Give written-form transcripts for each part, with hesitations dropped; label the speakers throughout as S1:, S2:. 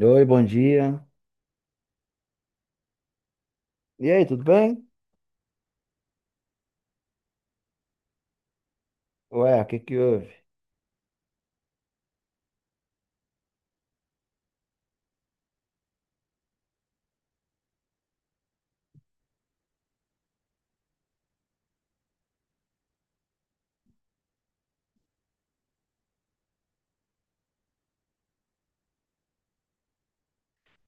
S1: Oi, bom dia. E aí, tudo bem? Ué, o que que houve?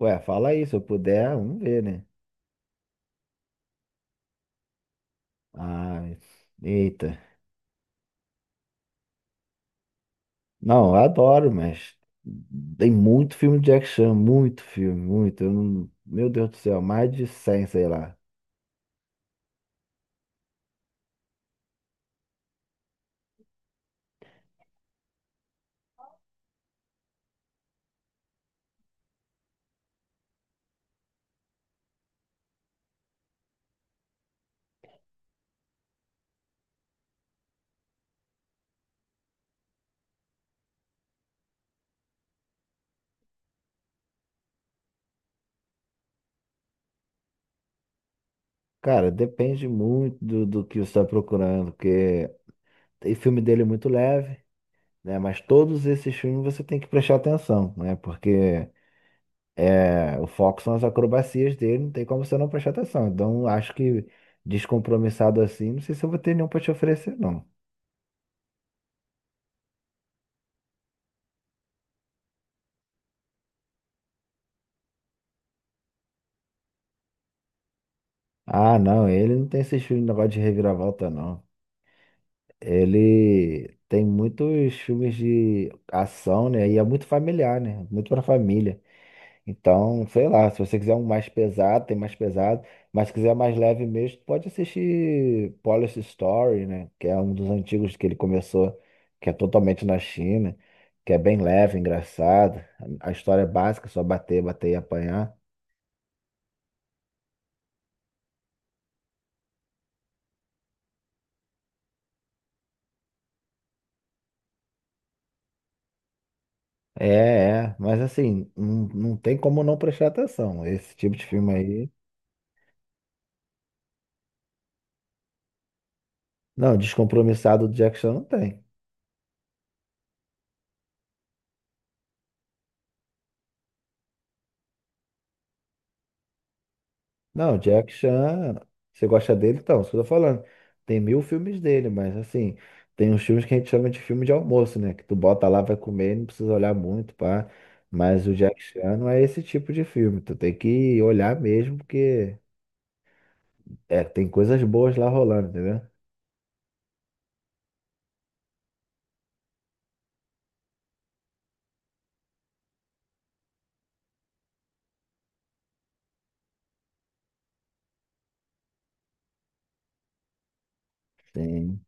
S1: Ué, fala aí, se eu puder, vamos ver, né? Ah, eita. Não, eu adoro, mas tem muito filme de Jack muito filme, muito. Eu não- Meu Deus do céu, mais de 100, sei lá. Cara, depende muito do que você está procurando, porque tem filme dele muito leve, né? Mas todos esses filmes você tem que prestar atenção, né? Porque é, o foco são as acrobacias dele, não tem como você não prestar atenção. Então, acho que descompromissado assim, não sei se eu vou ter nenhum pra te oferecer, não. Ah, não, ele não tem esses filmes de negócio de reviravolta, não. Ele tem muitos filmes de ação, né? E é muito familiar, né? Muito pra família. Então, sei lá, se você quiser um mais pesado, tem mais pesado, mas se quiser mais leve mesmo, pode assistir Police Story, né? Que é um dos antigos que ele começou, que é totalmente na China, que é bem leve, engraçado. A história é básica, só bater, bater e apanhar. É, é, mas assim, não, não tem como não prestar atenção. Esse tipo de filme aí, não, descompromissado do Jack Chan não tem. Não, Jack Chan, você gosta dele? Então, isso que eu tô falando. Tem mil filmes dele, mas assim, tem uns filmes que a gente chama de filme de almoço, né? Que tu bota lá, vai comer, não precisa olhar muito, pá. Mas o Jack Chan não é esse tipo de filme. Tu tem que olhar mesmo, porque é, tem coisas boas lá rolando, entendeu? Sim.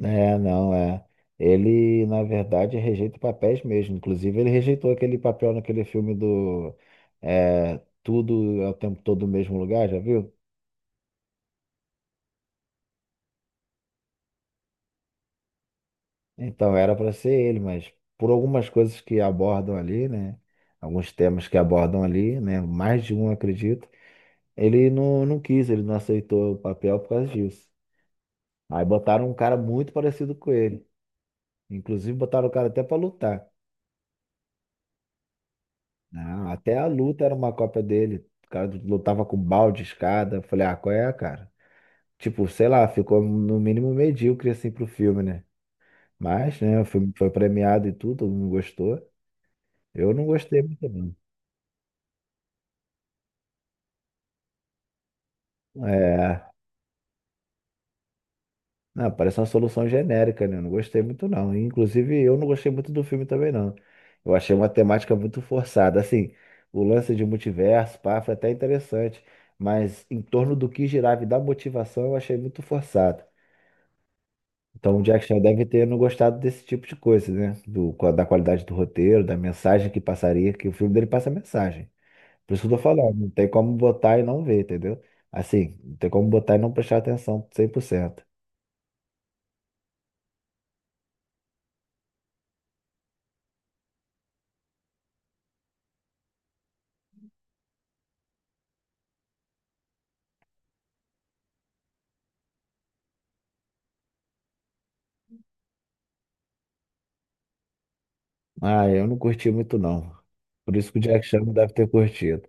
S1: É, não, é. Ele, na verdade, rejeita papéis mesmo. Inclusive, ele rejeitou aquele papel naquele filme do é, Tudo é o tempo todo no mesmo lugar, já viu? Então, era para ser ele, mas por algumas coisas que abordam ali, né? Alguns temas que abordam ali, né? Mais de um, acredito. Ele não, não quis, ele não aceitou o papel por causa disso. Aí botaram um cara muito parecido com ele. Inclusive, botaram o cara até para lutar. Ah, até a luta era uma cópia dele. O cara lutava com balde, escada. Eu falei, ah, qual é, cara? Tipo, sei lá, ficou no mínimo medíocre assim pro filme, né? Mas, né, o filme foi premiado e tudo, todo mundo gostou. Eu não gostei muito, não. É. Não, parece uma solução genérica, né? Eu não gostei muito, não. Inclusive, eu não gostei muito do filme também, não. Eu achei uma temática muito forçada. Assim, o lance de multiverso, pá, foi até interessante. Mas em torno do que girava e da motivação, eu achei muito forçado. Então, o Jack Chan deve ter não gostado desse tipo de coisa, né? Da qualidade do roteiro, da mensagem que passaria, que o filme dele passa mensagem. Por isso que eu tô falando, não tem como botar e não ver, entendeu? Assim, não tem como botar e não prestar atenção 100%. Ah, eu não curti muito não. Por isso que o Jack Chan não deve ter curtido.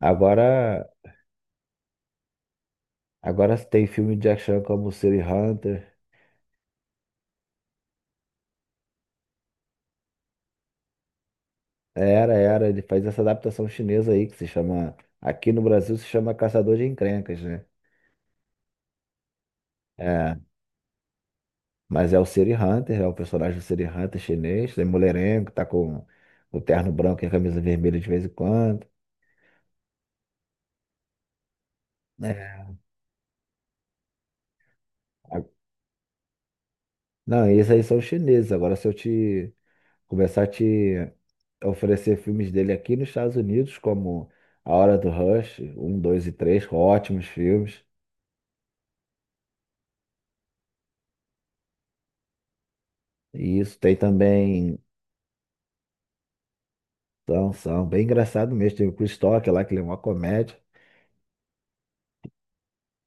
S1: Agora, agora tem filme de Jack Chan como City Hunter. Era, era, ele faz essa adaptação chinesa aí que se chama, aqui no Brasil se chama Caçador de Encrencas, né? É, mas é o City Hunter, é o personagem do City Hunter chinês, tem mulherengo, tá com o terno branco e a camisa vermelha de vez em quando, né? A- Não, esses aí são chineses. Agora se eu te começar a te oferecer filmes dele aqui nos Estados Unidos, como A Hora do Rush, um 2 e 3 ótimos filmes. E isso tem também, então, são bem engraçado mesmo. Tem o Chris Tucker lá, que ele é uma comédia.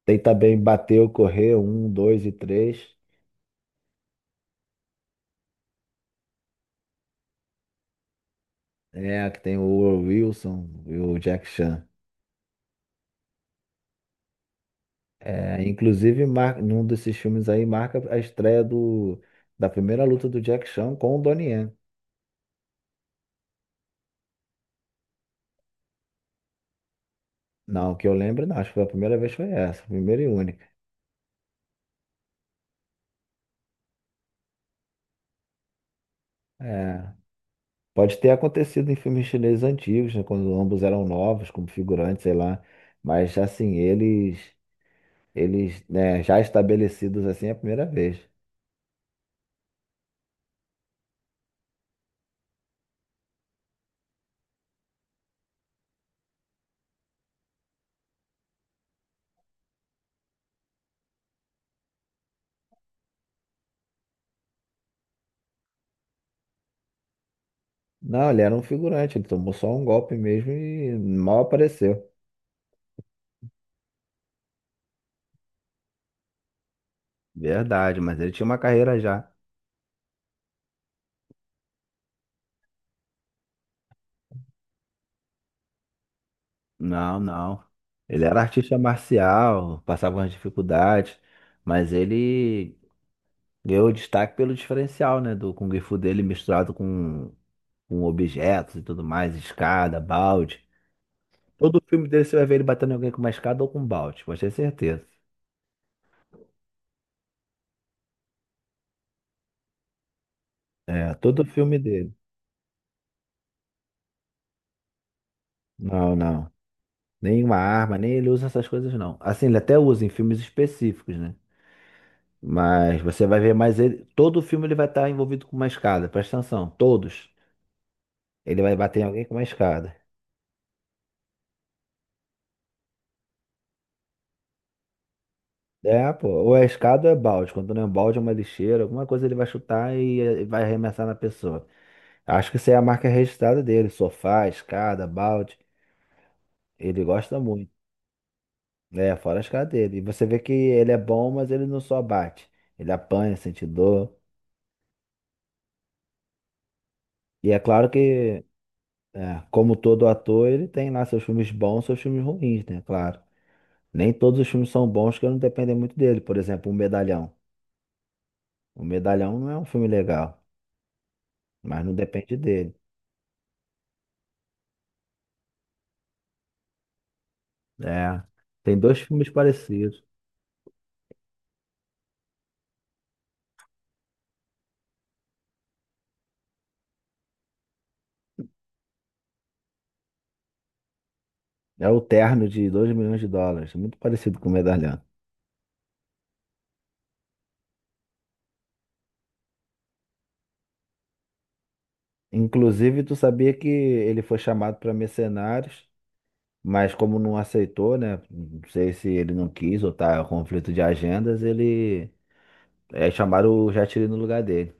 S1: Tem também Bateu, Correr, um 2 e 3 é, que tem o Wilson e o Jack Chan. É, inclusive, mar... num desses filmes aí marca a estreia do... da primeira luta do Jack Chan com o Donnie Yen. Não, que eu lembro, não. Acho que foi a primeira vez foi essa, primeira e única. É. Pode ter acontecido em filmes chineses antigos, né, quando ambos eram novos, como figurantes, sei lá. Mas assim, eles, né, já estabelecidos assim é a primeira vez. Não, ele era um figurante, ele tomou só um golpe mesmo e mal apareceu. Verdade, mas ele tinha uma carreira já. Não, não. Ele era artista marcial, passava umas dificuldades, mas ele ganhou destaque pelo diferencial, né, do Kung Fu dele misturado com objetos e tudo mais, escada, balde. Todo filme dele você vai ver ele batendo em alguém com uma escada ou com um balde, pode ter certeza. É, todo filme dele. Não, não. Nenhuma arma, nem ele usa essas coisas, não. Assim, ele até usa em filmes específicos, né? Mas você vai ver mais ele. Todo filme ele vai estar envolvido com uma escada, presta atenção, todos. Ele vai bater em alguém com uma escada. É, pô. Ou é escada ou é balde. Quando não é um balde, é uma lixeira, alguma coisa ele vai chutar e vai arremessar na pessoa. Acho que essa é a marca registrada dele: sofá, escada, balde. Ele gosta muito. É, fora as caras dele. E você vê que ele é bom, mas ele não só bate. Ele apanha, sente dor. E é claro que, é, como todo ator, ele tem lá seus filmes bons, seus filmes ruins, né? Claro. Nem todos os filmes são bons que não dependem muito dele. Por exemplo, O Medalhão. O Medalhão não é um filme legal, mas não depende dele. É. Tem dois filmes parecidos. É o Terno de US$ 2 milhões, é muito parecido com o Medalhão. Inclusive, tu sabia que ele foi chamado para Mercenários? Mas como não aceitou, né? Não sei se ele não quis ou tá conflito de agendas, ele é, chamaram o Jatiri no lugar dele.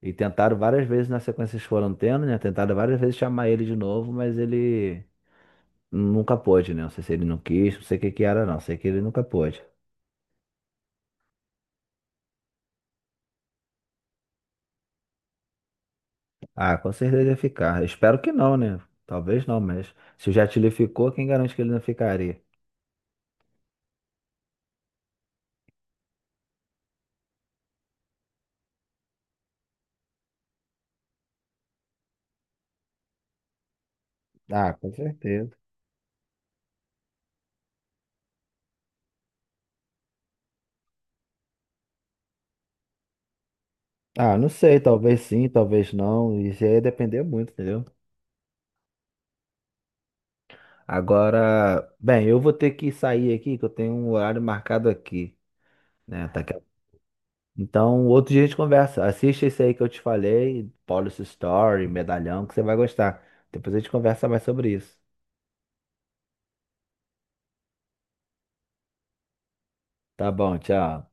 S1: E tentaram várias vezes na sequência que eles foram tendo, né? Tentaram várias vezes chamar ele de novo, mas ele nunca pôde, né? Não sei se ele não quis, não sei o que que era, não. Sei que ele nunca pôde. Ah, com certeza ia ficar. Espero que não, né? Talvez não, mas se o Jatiri ficou, quem garante que ele não ficaria? Ah, com certeza. Ah, não sei, talvez sim, talvez não. Isso aí ia depender muito, entendeu? Agora, bem, eu vou ter que sair aqui, que eu tenho um horário marcado aqui, né? Tá aqui. Então, outro dia a gente conversa. Assiste esse aí que eu te falei, Policy Story, Medalhão, que você vai gostar. Depois a gente conversa mais sobre isso. Tá bom, tchau.